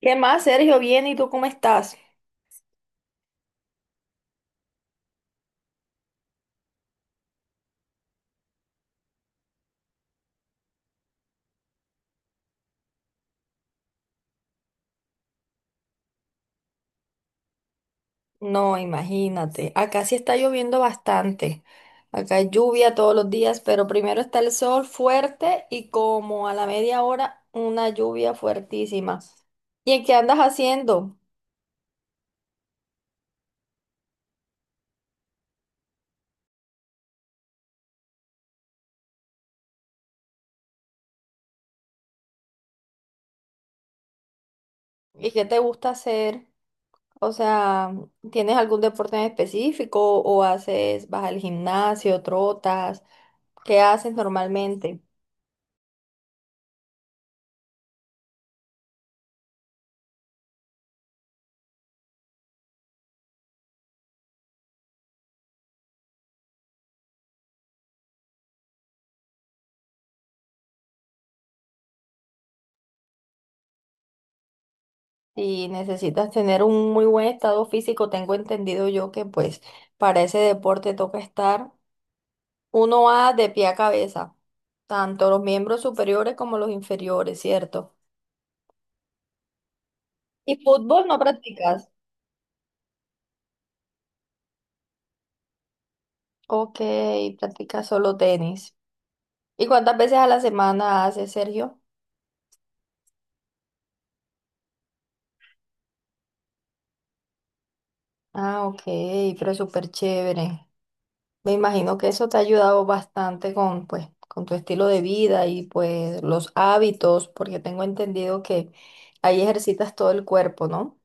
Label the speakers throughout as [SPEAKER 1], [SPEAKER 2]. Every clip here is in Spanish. [SPEAKER 1] ¿Qué más, Sergio? Bien, ¿y tú cómo estás? No, imagínate, acá sí está lloviendo bastante. Acá hay lluvia todos los días, pero primero está el sol fuerte y como a la media hora una lluvia fuertísima. ¿Y en qué andas haciendo? ¿Y qué te gusta hacer? O sea, ¿tienes algún deporte en específico o haces, vas al gimnasio, trotas? ¿Qué haces normalmente? Y necesitas tener un muy buen estado físico. Tengo entendido yo que pues para ese deporte toca estar uno va de pie a cabeza, tanto los miembros superiores como los inferiores, ¿cierto? ¿Y fútbol no practicas? Ok, practicas solo tenis. ¿Y cuántas veces a la semana haces, Sergio? Ah, ok, pero súper chévere. Me imagino que eso te ha ayudado bastante con, pues, con tu estilo de vida y pues los hábitos, porque tengo entendido que ahí ejercitas todo el cuerpo, ¿no?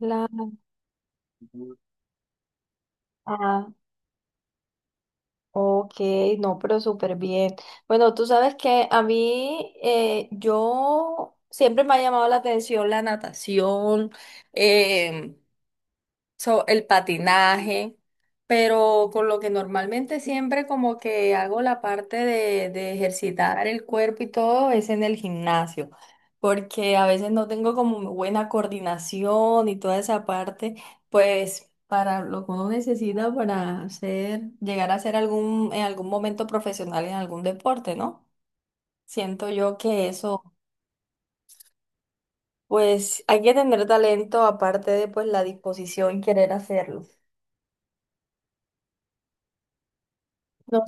[SPEAKER 1] La... Ah, ok, no, pero súper bien. Bueno, tú sabes que a mí, yo siempre me ha llamado la atención la natación, so, el patinaje, pero con lo que normalmente siempre como que hago la parte de ejercitar el cuerpo y todo es en el gimnasio, porque a veces no tengo como muy buena coordinación y toda esa parte, pues para lo que uno necesita para hacer, llegar a ser algún, en algún momento profesional en algún deporte, ¿no? Siento yo que eso, pues hay que tener talento aparte de pues la disposición y querer hacerlo. No.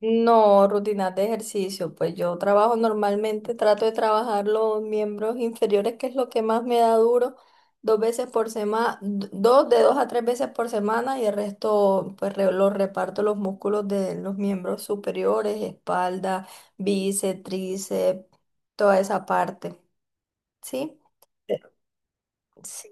[SPEAKER 1] No, rutinas de ejercicio, pues yo trabajo normalmente, trato de trabajar los miembros inferiores, que es lo que más me da duro, dos veces por semana, dos de dos a tres veces por semana y el resto pues lo reparto los músculos de los miembros superiores, espalda, bíceps, tríceps, toda esa parte, ¿sí? Sí.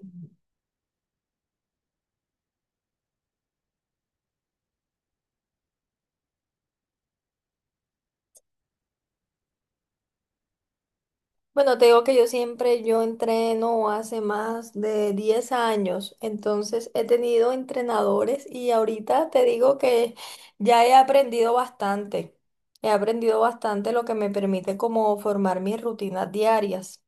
[SPEAKER 1] Bueno, te digo que yo siempre, yo entreno hace más de 10 años, entonces he tenido entrenadores y ahorita te digo que ya he aprendido bastante lo que me permite como formar mis rutinas diarias.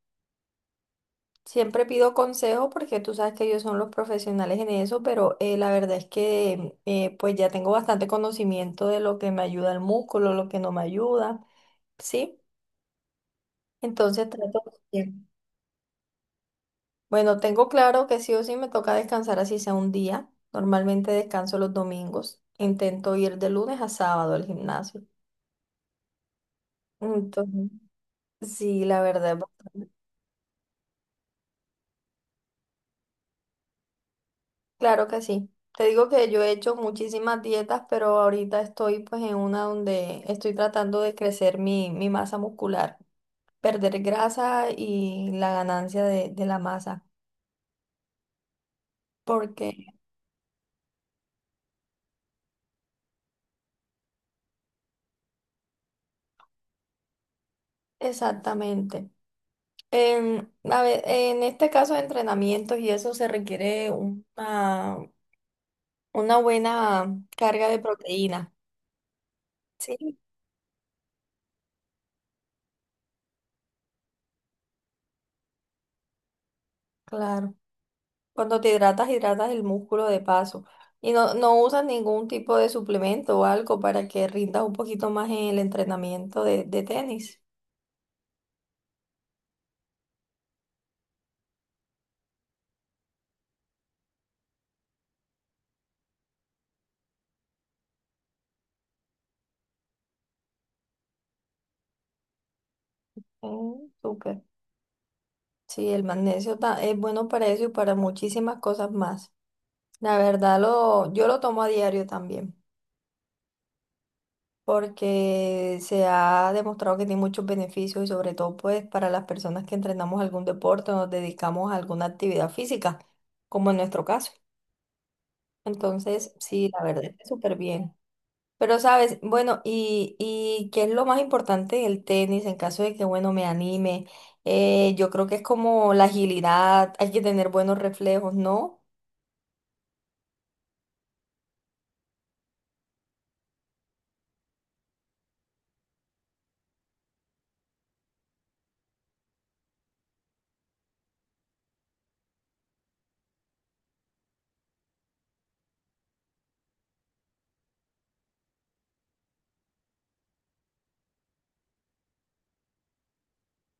[SPEAKER 1] Siempre pido consejo porque tú sabes que ellos son los profesionales en eso, pero la verdad es que pues ya tengo bastante conocimiento de lo que me ayuda el músculo, lo que no me ayuda, ¿sí? Entonces trato... siempre. Bueno, tengo claro que sí o sí me toca descansar así sea un día. Normalmente descanso los domingos. Intento ir de lunes a sábado al gimnasio. Entonces, sí, la verdad, claro que sí. Te digo que yo he hecho muchísimas dietas, pero ahorita estoy pues en una donde estoy tratando de crecer mi masa muscular, perder grasa y la ganancia de la masa. Porque, exactamente. En, a ver, en este caso de entrenamientos y eso se requiere una buena carga de proteína. Sí, claro. Cuando te hidratas, hidratas el músculo de paso. Y no, no usas ningún tipo de suplemento o algo para que rindas un poquito más en el entrenamiento de tenis. Mm, súper. Sí, el magnesio es bueno para eso y para muchísimas cosas más. La verdad, yo lo tomo a diario también. Porque se ha demostrado que tiene muchos beneficios y sobre todo pues para las personas que entrenamos algún deporte o nos dedicamos a alguna actividad física, como en nuestro caso. Entonces, sí, la verdad es que súper bien. Pero sabes, bueno, y qué es lo más importante del tenis en caso de que, bueno, me anime. Yo creo que es como la agilidad, hay que tener buenos reflejos, ¿no?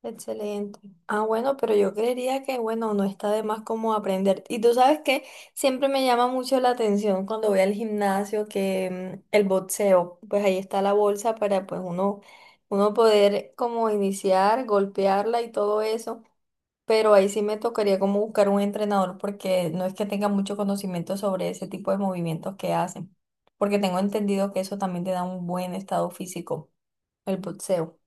[SPEAKER 1] Excelente. Ah, bueno, pero yo creería que, bueno, no está de más como aprender. Y tú sabes que siempre me llama mucho la atención cuando voy al gimnasio que el boxeo, pues ahí está la bolsa para pues uno, uno poder como iniciar, golpearla y todo eso. Pero ahí sí me tocaría como buscar un entrenador porque no es que tenga mucho conocimiento sobre ese tipo de movimientos que hacen. Porque tengo entendido que eso también te da un buen estado físico, el boxeo.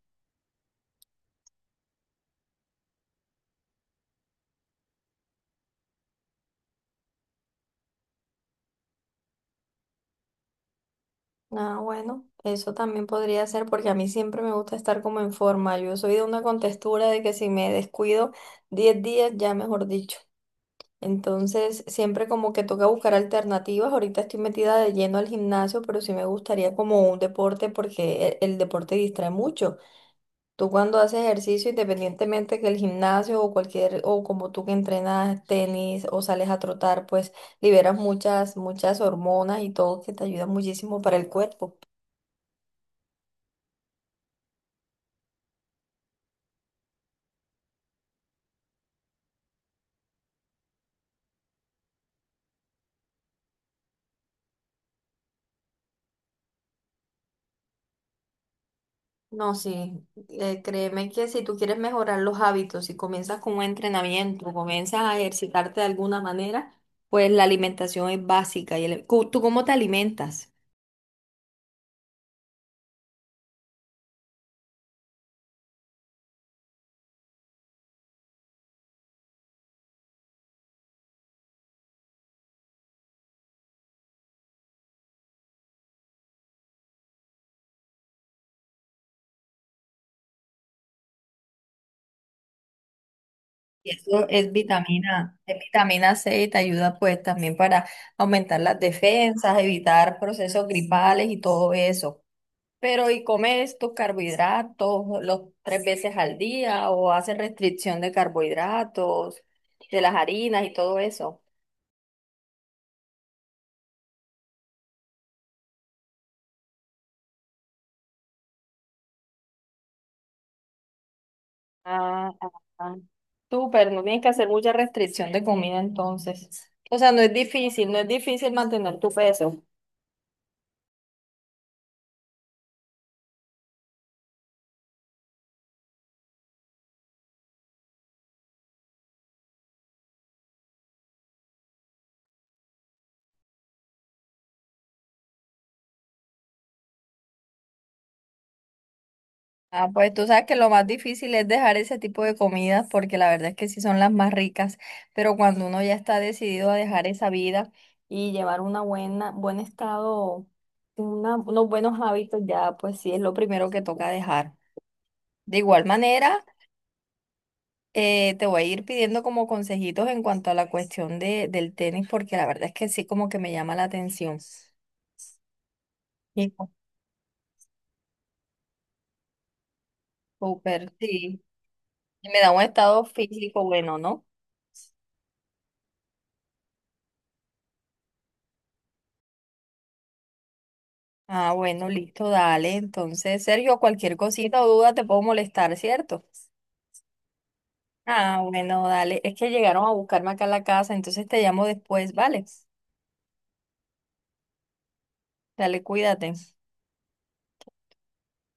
[SPEAKER 1] Ah, bueno, eso también podría ser porque a mí siempre me gusta estar como en forma. Yo soy de una contextura de que si me descuido 10 días, ya mejor dicho. Entonces, siempre como que toca buscar alternativas. Ahorita estoy metida de lleno al gimnasio, pero sí me gustaría como un deporte porque el deporte distrae mucho. Tú cuando haces ejercicio, independientemente que el gimnasio o cualquier, o como tú que entrenas tenis o sales a trotar, pues liberas muchas, muchas hormonas y todo que te ayuda muchísimo para el cuerpo. No, sí, créeme que si tú quieres mejorar los hábitos, si comienzas con un entrenamiento, comienzas a ejercitarte de alguna manera, pues la alimentación es básica. Y ¿tú cómo te alimentas? Y eso es vitamina, es vitamina C y te ayuda pues también para aumentar las defensas, evitar procesos gripales y todo eso. Pero ¿y comes tus carbohidratos los tres veces al día o haces restricción de carbohidratos, de las harinas y todo eso? Ah, ah, ah. Súper, no tienes que hacer mucha restricción de comida entonces. O sea, no es difícil, no es difícil mantener tu peso. Ah, pues tú sabes que lo más difícil es dejar ese tipo de comidas porque la verdad es que sí son las más ricas, pero cuando uno ya está decidido a dejar esa vida y llevar una buena, buen estado, unos buenos hábitos, ya pues sí es lo primero que toca dejar. De igual manera. Te voy a ir pidiendo como consejitos en cuanto a la cuestión del tenis, porque la verdad es que sí como que me llama la atención. Y pues, súper, sí. Y me da un estado físico bueno, ¿no? Ah, bueno, listo, dale. Entonces, Sergio, cualquier cosita o duda te puedo molestar, ¿cierto? Ah, bueno, dale. Es que llegaron a buscarme acá a la casa, entonces te llamo después, ¿vale? Dale, cuídate.